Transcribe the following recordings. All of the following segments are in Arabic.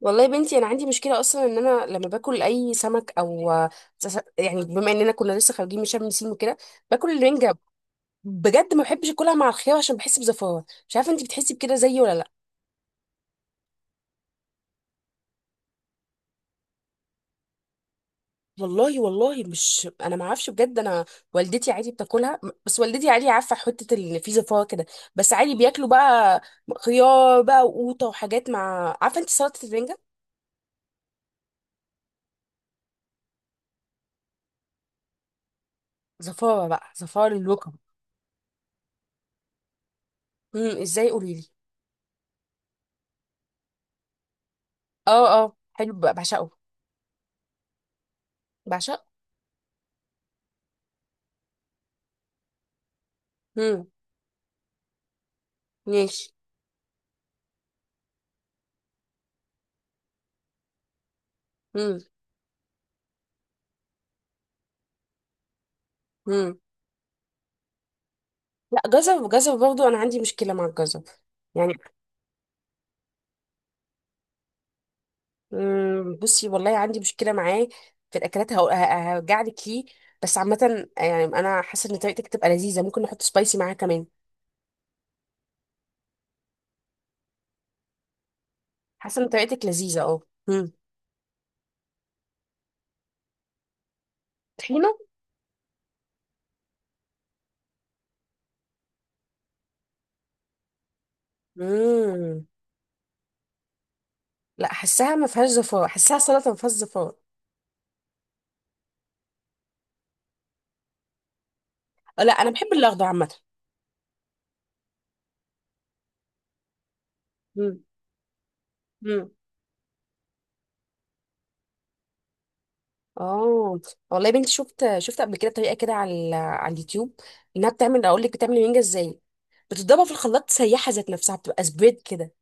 والله يا بنتي، انا عندي مشكله اصلا ان انا لما باكل اي سمك او يعني بما اننا كنا لسه خارجين من شم النسيم وكده باكل الرنجه. بجد ما بحبش اكلها مع الخيار عشان بحس بزفاره. مش عارفه انت بتحسي بكده زيي ولا لا. والله والله، مش انا ما اعرفش بجد، انا والدتي عادي بتاكلها. بس والدتي عادي عارفه حته ان في زفاره كده، بس عادي بياكلوا بقى خيار بقى وقوطه وحاجات. مع عارفه انت سلطه الرنجه. زفاره بقى، زفاره للوكم. ازاي؟ قولي لي. اه اه، حلو بقى بعشقه. بعشقه. ماشي. مم. مم. لا جزر، جزر برضو انا عندي مشكله مع الجزر. يعني مم. بصي والله عندي مشكله معاه. في الاكلات هرجع لك ليه. بس عامه، يعني انا حاسه ان طريقتك تبقى لذيذه، ممكن نحط سبايسي معاها كمان. حاسه ان طريقتك لذيذه اه. مم. طحينه. مم. لا، حاساها ما فيهاش زفاره، حاساها سلطه ما فيهاش زفاره. آه، لا انا بحب الاخضر عامه. مم. مم. اه. والله يا بنتي، شفت قبل كده طريقه كده على اليوتيوب انها بتعمل، اقول لك بتعمل المانجا ازاي، بتضربها في الخلاط سيحه ذات نفسها، بتبقى سبريد كده.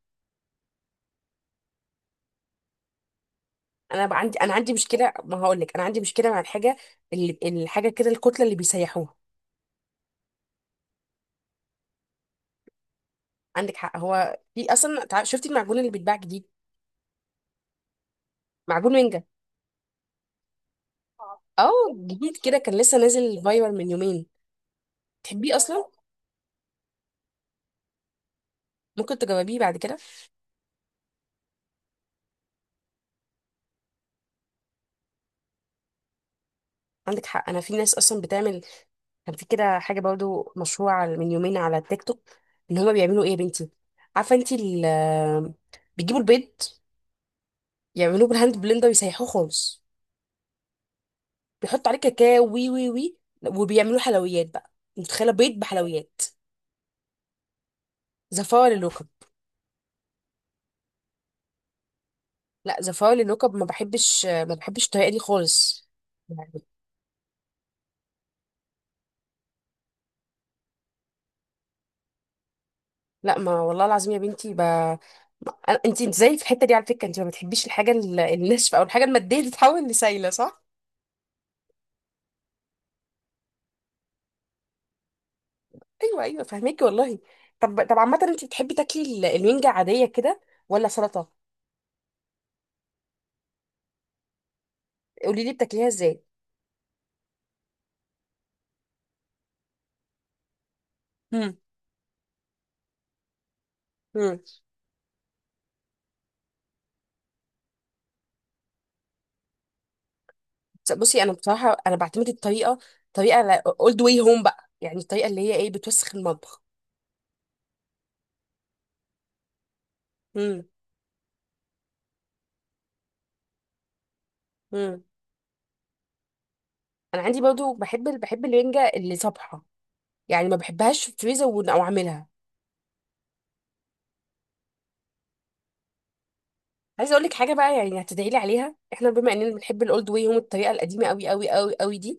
انا عندي مشكله، ما هقول لك انا عندي مشكله مع الحاجه، الحاجه كده، الكتله اللي بيسيحوها. عندك حق، هو في اصلا شفتي المعجون اللي بيتباع جديد؟ معجون مانجا. اه جديد كده، كان لسه نازل فايرال من يومين. تحبيه اصلا؟ ممكن تجربيه بعد كده. عندك حق، انا في ناس اصلا بتعمل. كان في كده حاجه برضو مشهوره من يومين على التيك توك. ان هما بيعملوا ايه يا بنتي؟ عارفه انتي بيجيبوا البيض، يعملوه بالهاند بلندر يسيحوه خالص، بيحطوا عليه كاكاو، وي وي وي، وبيعملوه حلويات بقى. متخيله بيض بحلويات؟ زفاره للوكب. لا زفاره للوكب، ما بحبش ما بحبش الطريقه دي خالص. يعني لا، ما والله العظيم يا بنتي ب... ما- أنا- انتي انت زي في الحته دي على فكره، انت ما بتحبيش الحاجه الناشفه او الحاجه الماديه تتحول لسايله، صح؟ ايوه ايوه، فهميكي والله. طب طب، عامه انت بتحبي تاكلي الرنجه عاديه كده ولا سلطه؟ قولي لي بتاكليها ازاي. مم. امم بصي، انا بصراحه انا بعتمد الطريقه، طريقه اولد واي هوم بقى. يعني الطريقه اللي هي ايه، بتوسخ المطبخ. امم امم انا عندي برضو بحب بحب الرنجه اللي صبحه. يعني ما بحبهاش في الفريزر او اعملها. عايزه اقول لك حاجه بقى، يعني هتدعي لي عليها. احنا بما اننا بنحب الاولد واي هوم، الطريقه القديمه قوي قوي قوي قوي دي،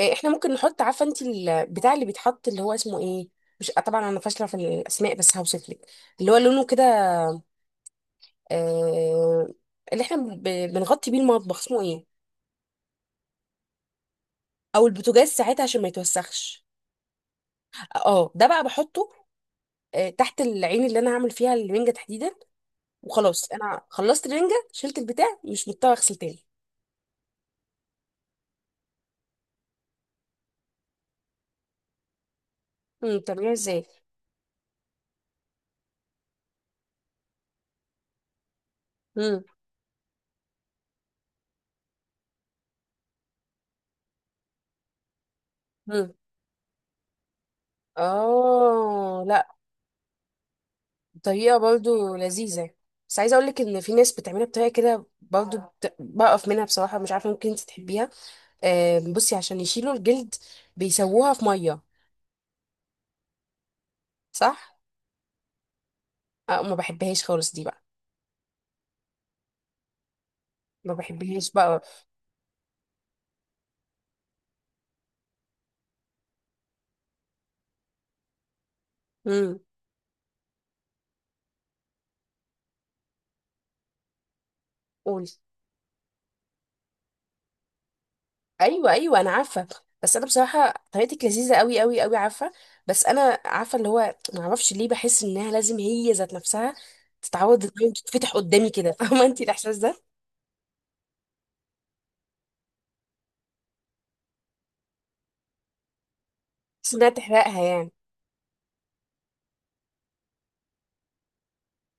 إيه، احنا ممكن نحط عارفه انت البتاع اللي بيتحط اللي هو اسمه ايه. مش طبعا، انا فاشله في الاسماء، بس هوصف لك اللي هو لونه كده. آه، اللي احنا بنغطي بيه المطبخ اسمه ايه؟ او البوتاجاز ساعتها عشان ما يتوسخش. اه ده بقى بحطه، آه تحت العين اللي انا هعمل فيها الرنجه تحديدا، وخلاص انا خلصت الرنجه شلت البتاع، مش مضطره اغسل تاني. بتعمليها ازاي؟ امم امم اه لا، طريقة برضو لذيذة. بس عايزة اقولك ان في ناس بتعملها بطريقة كده برضو بقف منها بصراحة، مش عارفة ممكن انت تحبيها. آه بصي، عشان يشيلوا الجلد بيسووها في مية. صح؟ آه، ما بحبهاش خالص دي بقى. ما بحبهاش بقى. امم قولي. ايوه ايوه، انا عارفة. بس انا بصراحة طريقتك لذيذة قوي قوي قوي، عارفة. بس انا عارفة اللي هو، ما اعرفش ليه بحس انها لازم هي ذات نفسها تتعود إن هي تتفتح قدامي كده فاهمة انت الاحساس ده؟ بس انها تحرقها يعني.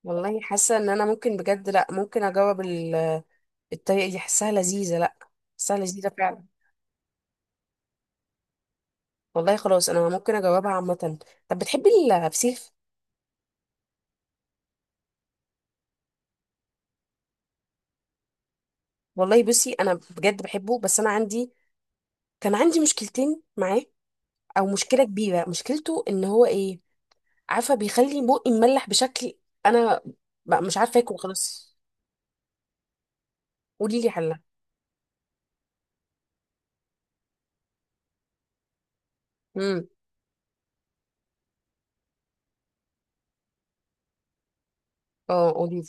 والله حاسه ان انا ممكن بجد، لا ممكن اجاوب الطريقه دي، حاساها لذيذه. لا، حاساها لذيذه فعلا. والله خلاص، انا ممكن اجاوبها عامه. طب بتحبي الفسيخ؟ والله بصي انا بجد بحبه، بس انا عندي، كان عندي مشكلتين معاه، او مشكله كبيره. مشكلته ان هو ايه، عارفه بيخلي بقي مملح بشكل، انا بقى مش عارفه اكل خلاص. قولي لي حلها. امم اه قولي لي.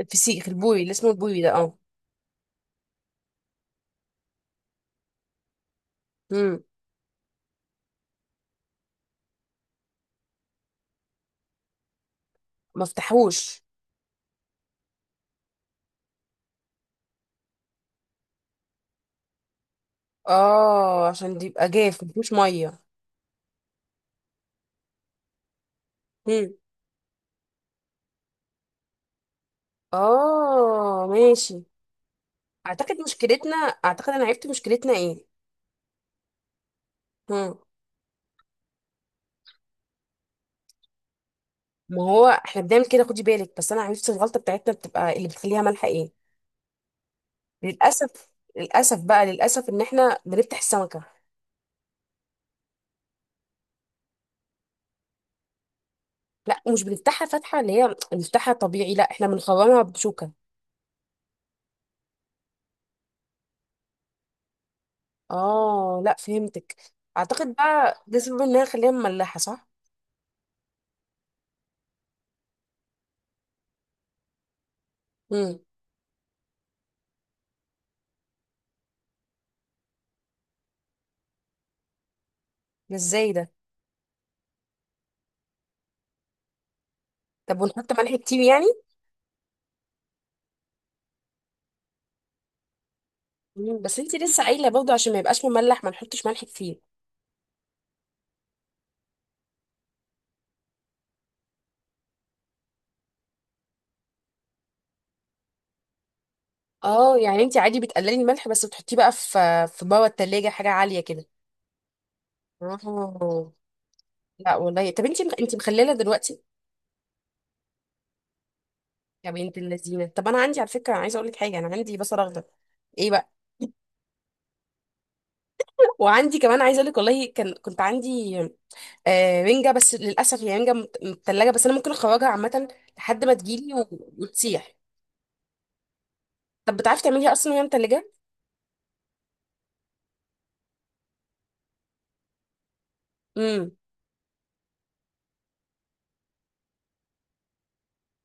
الفسيخ البوري اللي اسمه البوري ده اه. امم ما افتحوش. اه عشان دي يبقى جاف مفيهوش ميه. هم. اه ماشي. اعتقد مشكلتنا، اعتقد انا عرفت مشكلتنا ايه. هم. ما هو احنا بنعمل كده، خدي بالك، بس انا عرفت الغلطه بتاعتنا بتبقى اللي بتخليها مالحه ايه. للاسف، للاسف بقى، للاسف ان احنا بنفتح السمكه. لا مش بنفتحها فتحه، اللي هي بنفتحها طبيعي، لا احنا بنخرمها بشوكه. اه لا، فهمتك. اعتقد بقى ده سبب انها خليها مملحه، صح. امم ازاي ده؟ طب ونحط ملح كتير يعني؟ بس انت لسه قايله برضه عشان ما يبقاش مملح ما نحطش ملح كتير. اه يعني انت عادي بتقللي الملح بس بتحطيه بقى في بره التلاجة، حاجه عاليه كده. اه لا والله، طب انت مخلله دلوقتي؟ يا بنت اللذينه، طب انا عندي على فكره، انا عايزه اقول لك حاجه، انا عندي بصل اخضر. ايه بقى؟ وعندي كمان، عايزه اقول لك والله، كنت عندي آه رنجه، بس للاسف هي رنجه متلجه، بس انا ممكن اخرجها عامه لحد ما تجيلي وتسيح. طب بتعرفي تعمليها اصلا وهي متلجه؟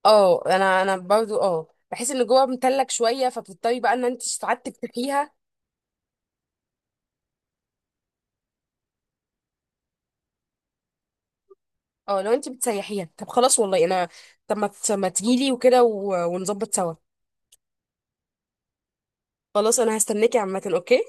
اه انا برضو بحس ان جوه متلج شويه، فبتضطري بقى ان انت ساعات تفتحيها. اه لو انت بتسيحيها طب خلاص، والله انا، طب ما ما تجيلي وكده ونظبط سوا. خلاص انا هستناكي عامه، اوكي.